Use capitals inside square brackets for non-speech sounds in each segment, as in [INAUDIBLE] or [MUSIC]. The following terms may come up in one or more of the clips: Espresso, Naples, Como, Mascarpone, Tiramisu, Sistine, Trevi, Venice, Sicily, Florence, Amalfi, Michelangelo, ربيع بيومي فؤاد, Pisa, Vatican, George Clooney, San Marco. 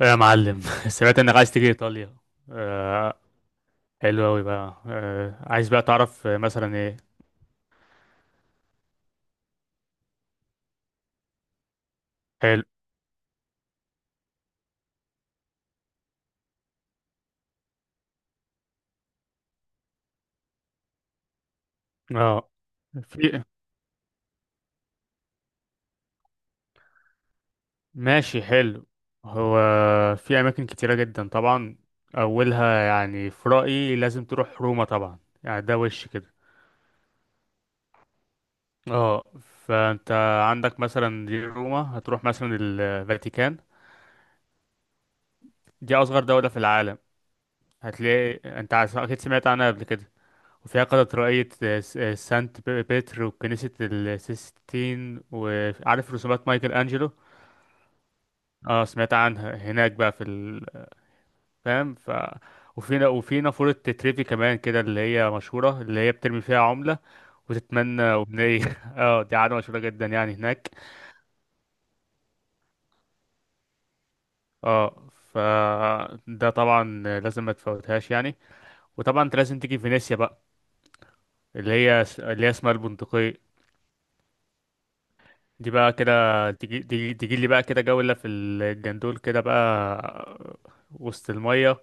إيه يا معلم [LAUGHS] سمعت انك عايز تيجي ايطاليا. آه. حلو اوي بقى. عايز بقى تعرف مثلا ايه؟ حلو. اه. في. ماشي حلو. هو في اماكن كتيره جدا طبعا. اولها يعني في رايي لازم تروح روما طبعا، يعني ده وش كده. اه. فانت عندك مثلا دي روما، هتروح مثلا الفاتيكان، دي اصغر دوله في العالم. هتلاقي انت اكيد سمعت عنها قبل كده. وفيها قلعة رؤية، سانت بيتر وكنيسة السيستين، وعارف رسومات مايكل أنجلو. اه سمعت عنها هناك بقى في ال... فاهم؟ ف وفي نافورة تريفي كمان كده اللي هي مشهورة، اللي هي بترمي فيها عملة وتتمنى أمنية [LAUGHS] اه دي عادة مشهورة جدا يعني هناك. اه ف ده طبعا لازم ما تفوتهاش يعني. وطبعا انت لازم تيجي فينيسيا بقى، اللي هي اسمها البندقية. دي بقى كده تجي تجي لي بقى كده جولة في الجندول كده بقى، وسط المية.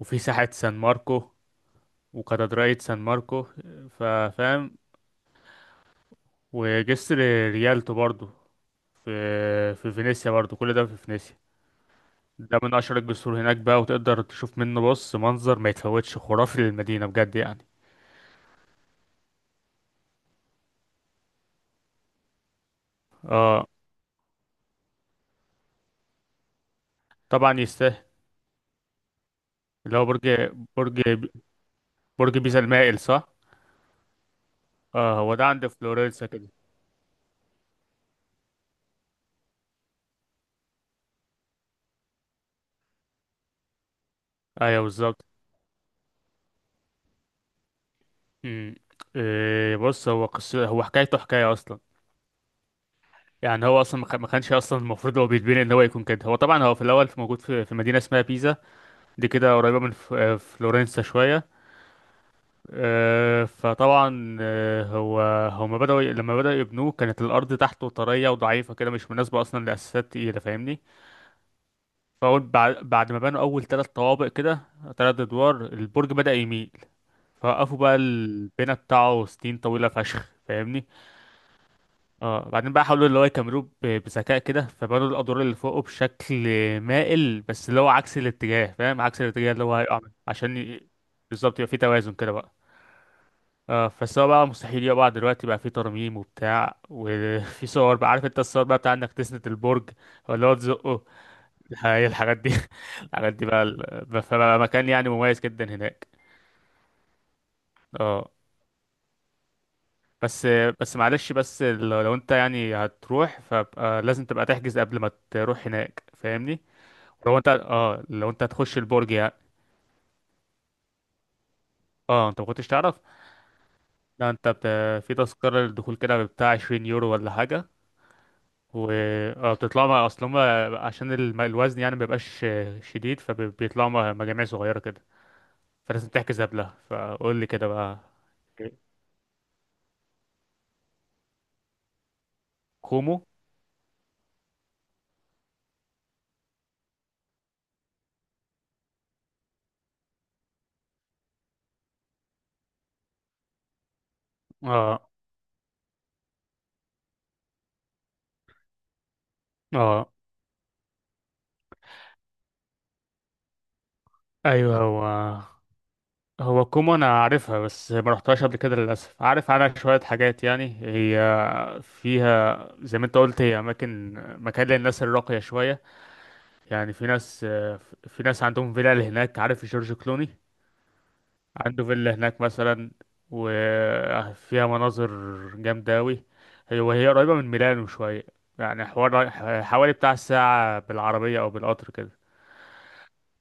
وفي ساحة سان ماركو، وكاتدرائية سان ماركو، فاهم؟ وجسر ريالتو برضو، في في فينيسيا برضو، كل ده في فينيسيا. ده من أشهر الجسور هناك بقى، وتقدر تشوف منه بص منظر ما يتفوتش، خرافي للمدينة بجد يعني. اه طبعا يستاهل، اللي هو برج، برج برج بيزا المائل، صح. اه هو ده عند فلورنسا كده. ايوه بالظبط. امم. إيه بص هو قصة، هو حكايته حكاية أصلا. يعني هو أصلا ما كانش أصلا المفروض هو بيتبني إن هو يكون كده. هو طبعا هو في الأول في موجود في مدينة اسمها بيزا. دي كده قريبة من فلورنسا شوية. فطبعا هو هما لما بدأوا يبنوه، كانت الأرض تحته طرية وضعيفة كده، مش مناسبة أصلا لأساسات تقيلة، فاهمني؟ فأول بعد ما بنوا أول تلات طوابق كده، تلات أدوار البرج بدأ يميل. فوقفوا بقى البناء بتاعه سنين طويلة فشخ، فاهمني؟ اه بعدين بقى حاولوا اللي هو يكملوه بذكاء كده، فبنوا الادوار اللي فوقه بشكل مائل، بس اللي هو عكس الاتجاه، فاهم؟ عكس الاتجاه اللي هو هيقع منه، عشان ي... بالظبط، يبقى في توازن كده بقى. اه فالسوا بقى مستحيل يقع بقى دلوقتي، بقى في ترميم وبتاع، وفي [LAUGHS] صور بقى، عارف انت الصور بقى بتاع انك تسند البرج ولا هو تزقه، هي الحاجات دي. [LAUGHS] الحاجات دي بقى ال- فبقى مكان يعني مميز جدا هناك. اه. بس بس معلش، بس لو انت يعني هتروح فبقى لازم تبقى تحجز قبل ما تروح هناك، فاهمني؟ لو انت اه لو انت هتخش البرج يعني. اه انت ما كنتش تعرف. لا انت بت... في تذكرة للدخول كده بتاع 20 يورو ولا حاجة. و اه بتطلعوا مع اصل هما عشان الوزن يعني مبيبقاش شديد، فبيطلعوا مع مجاميع صغيرة كده. فلازم تحجز قبلها، فقول لي كده بقى. كومو. اه اه ايوه هو. كومو انا عارفها بس ما رحتهاش قبل كده للاسف. عارف عنها شويه حاجات يعني. هي فيها زي ما انت قلت، هي اماكن، مكان للناس الراقيه شويه. يعني في ناس في ناس عندهم فيلل هناك، عارف جورج كلوني عنده فيلا هناك مثلا. وفيها مناظر جامدة أوي. هي وهي قريبة من ميلانو شوية، يعني حوار، حوالي بتاع ساعة بالعربية أو بالقطر كده.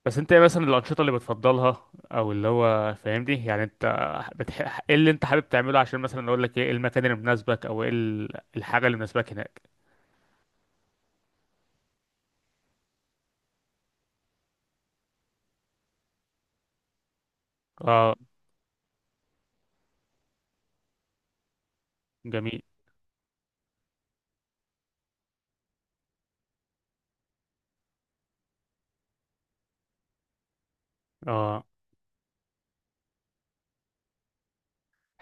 بس انت ايه مثلا الأنشطة اللي بتفضلها، أو اللي هو فاهمني يعني انت بتح... ايه اللي انت حابب تعمله، عشان مثلا أقول لك ايه، إيه المكان اللي مناسبك، أو ايه ال- الحاجة اللي مناسباك هناك. اه. جميل. اه.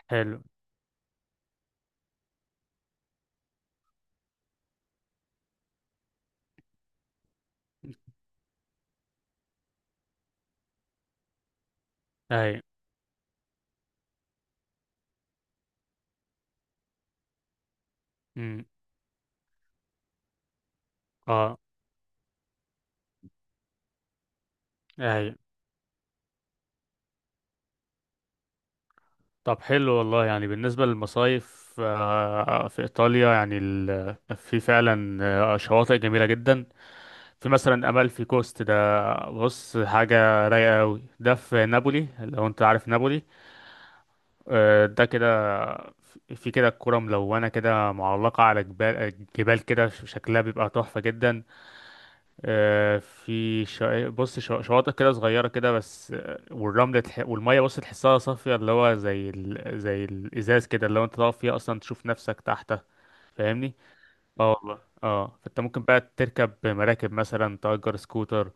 حلو. اي. امم. اه. اي. طب حلو والله، يعني بالنسبة للمصايف، في إيطاليا يعني ال- في فعلا شواطئ جميلة جدا. في مثلا أمالفي كوست ده، بص حاجة رايقة أوي. ده في نابولي، لو أنت عارف نابولي. ده كده في كده كرة ملونة كده معلقة على جبال كده، شكلها بيبقى تحفة جدا. في شا... بص شواطئ كده صغيرة كده بس، والرمل تح... والمية بص تحسها صافية، اللي هو زي ال... زي الإزاز كده، اللي هو أنت تقف فيها أصلا تشوف نفسك تحتها، فاهمني؟ اه والله اه. فأنت ممكن بقى تركب مراكب مثلا، تأجر سكوتر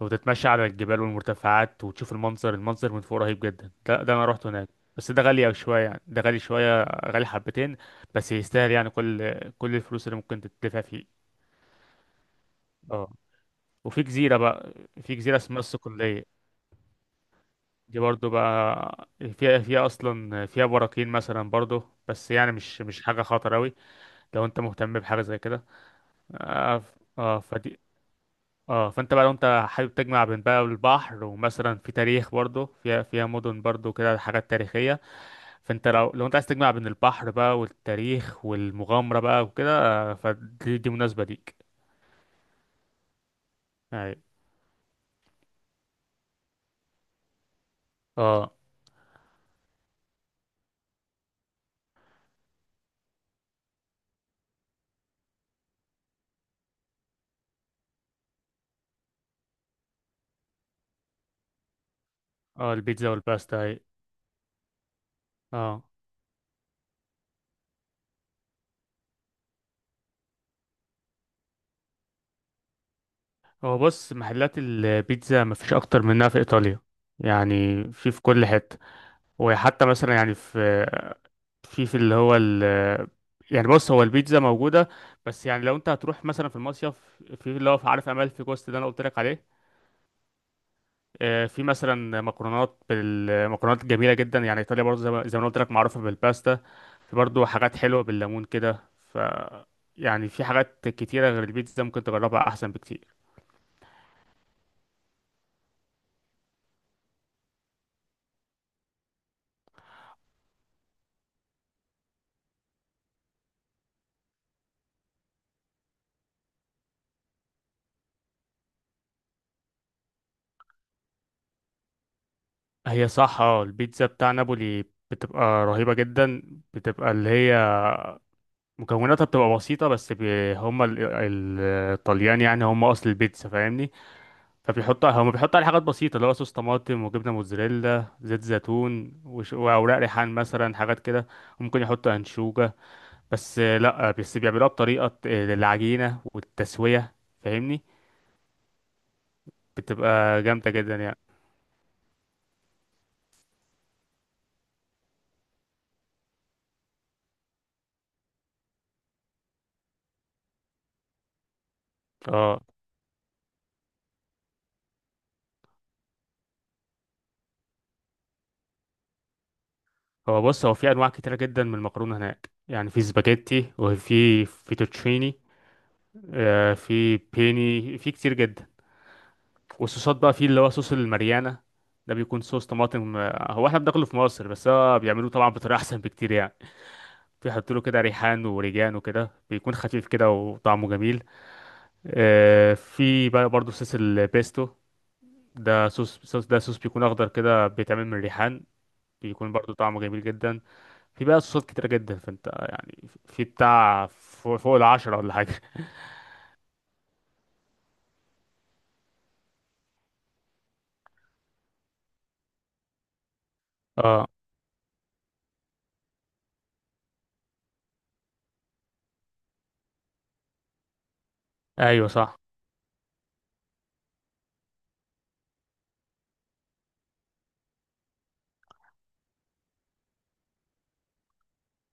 وتتمشى على الجبال والمرتفعات وتشوف المنظر، المنظر من فوق رهيب جدا، ده أنا رحت هناك. بس ده غالي أوي شوية، يعني ده غالي شوية غالي حبتين. بس يستاهل يعني، كل الفلوس اللي ممكن تدفع فيه. اه. وفي جزيرة بقى، في جزيرة اسمها الصقلية. دي برضو بقى فيها أصلا فيها براكين مثلا برضو، بس يعني مش حاجة خطر أوي. لو أنت مهتم بحاجة زي كده. فدي اه. فأنت بقى لو أنت حابب تجمع بين بقى البحر، ومثلا في تاريخ برضو، فيها مدن برضو كده حاجات تاريخية. فأنت لو أنت عايز تجمع بين البحر بقى والتاريخ والمغامرة بقى وكده، آه، فدي دي مناسبة ليك. أي. اه اه. البيتزا والباستا أي. اه هو بص محلات البيتزا مفيش اكتر منها في ايطاليا، يعني في في كل حته. وحتى مثلا يعني في اللي هو ال يعني بص هو البيتزا موجوده، بس يعني لو انت هتروح مثلا في المصيف، في اللي هو في عارف امال في جوست ده انا قلت لك عليه. في مثلا مكرونات، بالمكرونات جميله جدا، يعني ايطاليا برضه زي ما أنا قلت لك معروفه بالباستا. في برضه حاجات حلوه بالليمون كده. ف يعني في حاجات كتيره غير البيتزا ممكن تجربها احسن بكتير. هي صح اه. البيتزا بتاع نابولي بتبقى رهيبة جدا، بتبقى اللي هي مكوناتها بتبقى بسيطة، بس بي هم ال- ال- الطليان يعني هم أصل البيتزا، فاهمني؟ فبيحطوا هم بيحطوا عليها حاجات بسيطة، اللي هو صوص طماطم وجبنة موتزاريلا، زيت زيتون وأوراق ريحان مثلا، حاجات كده، ممكن يحطوا أنشوجة. بس لأ بس بيعملوها بطريقة العجينة والتسوية، فاهمني؟ بتبقى جامدة جدا يعني. اه هو بص هو في انواع كتيره جدا من المكرونه هناك، يعني في سباجيتي وفي فيتوتشيني، في بيني، في كتير جدا. والصوصات بقى، في اللي هو صوص الماريانا، ده بيكون صوص طماطم، هو احنا بناكله في مصر، بس هو بيعملوه طبعا بطريقه [LAUGHS] احسن بكتير يعني. بيحطوا له كده ريحان وريجان وكده، بيكون خفيف كده وطعمه جميل. في بقى برضه صوص البيستو، ده صوص صوص ده صوص بيكون اخضر كده، بيتعمل من الريحان، بيكون برضه طعمه جميل جدا. في بقى صوصات كتيرة جدا، فانت يعني في بتاع فوق العشرة ولا حاجة. اه. ايوه صح.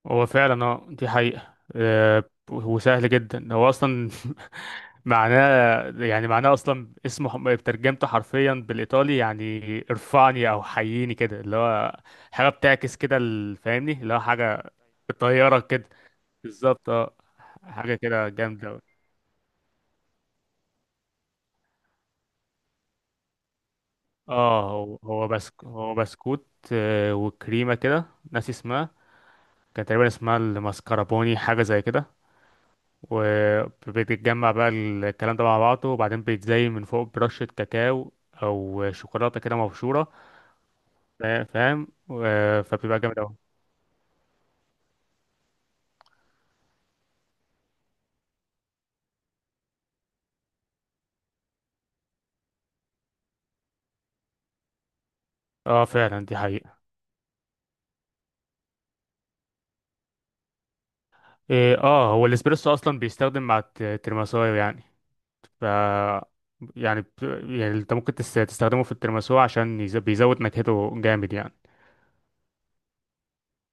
هو فعلا اه دي حقيقة. وسهل جدا هو اصلا. [LAUGHS] معناه يعني، معناه اصلا اسمه ترجمته حرفيا بالايطالي يعني ارفعني او حييني كده، اللي هو حاجة بتعكس كده ال- فاهمني؟ اللي هو حاجة بتطيرك كده. بالظبط اه. حاجة كده جامدة أوي. اه هو بسكوت، وكريمة كده، ناسي اسمها، كان تقريبا اسمها الماسكربوني حاجة زي كده. وبتتجمع بقى الكلام ده مع بعضه، وبعدين بيتزين من فوق برشة كاكاو أو شوكولاتة كده مبشورة. فبتبقى جامد أوي. اه فعلا دي حقيقة. إيه اه هو الاسبريسو أصلا بيستخدم مع الترماسو يعني. ف يعني انت ممكن تستخدمه في الترماسو، عشان بيزود نكهته جامد يعني.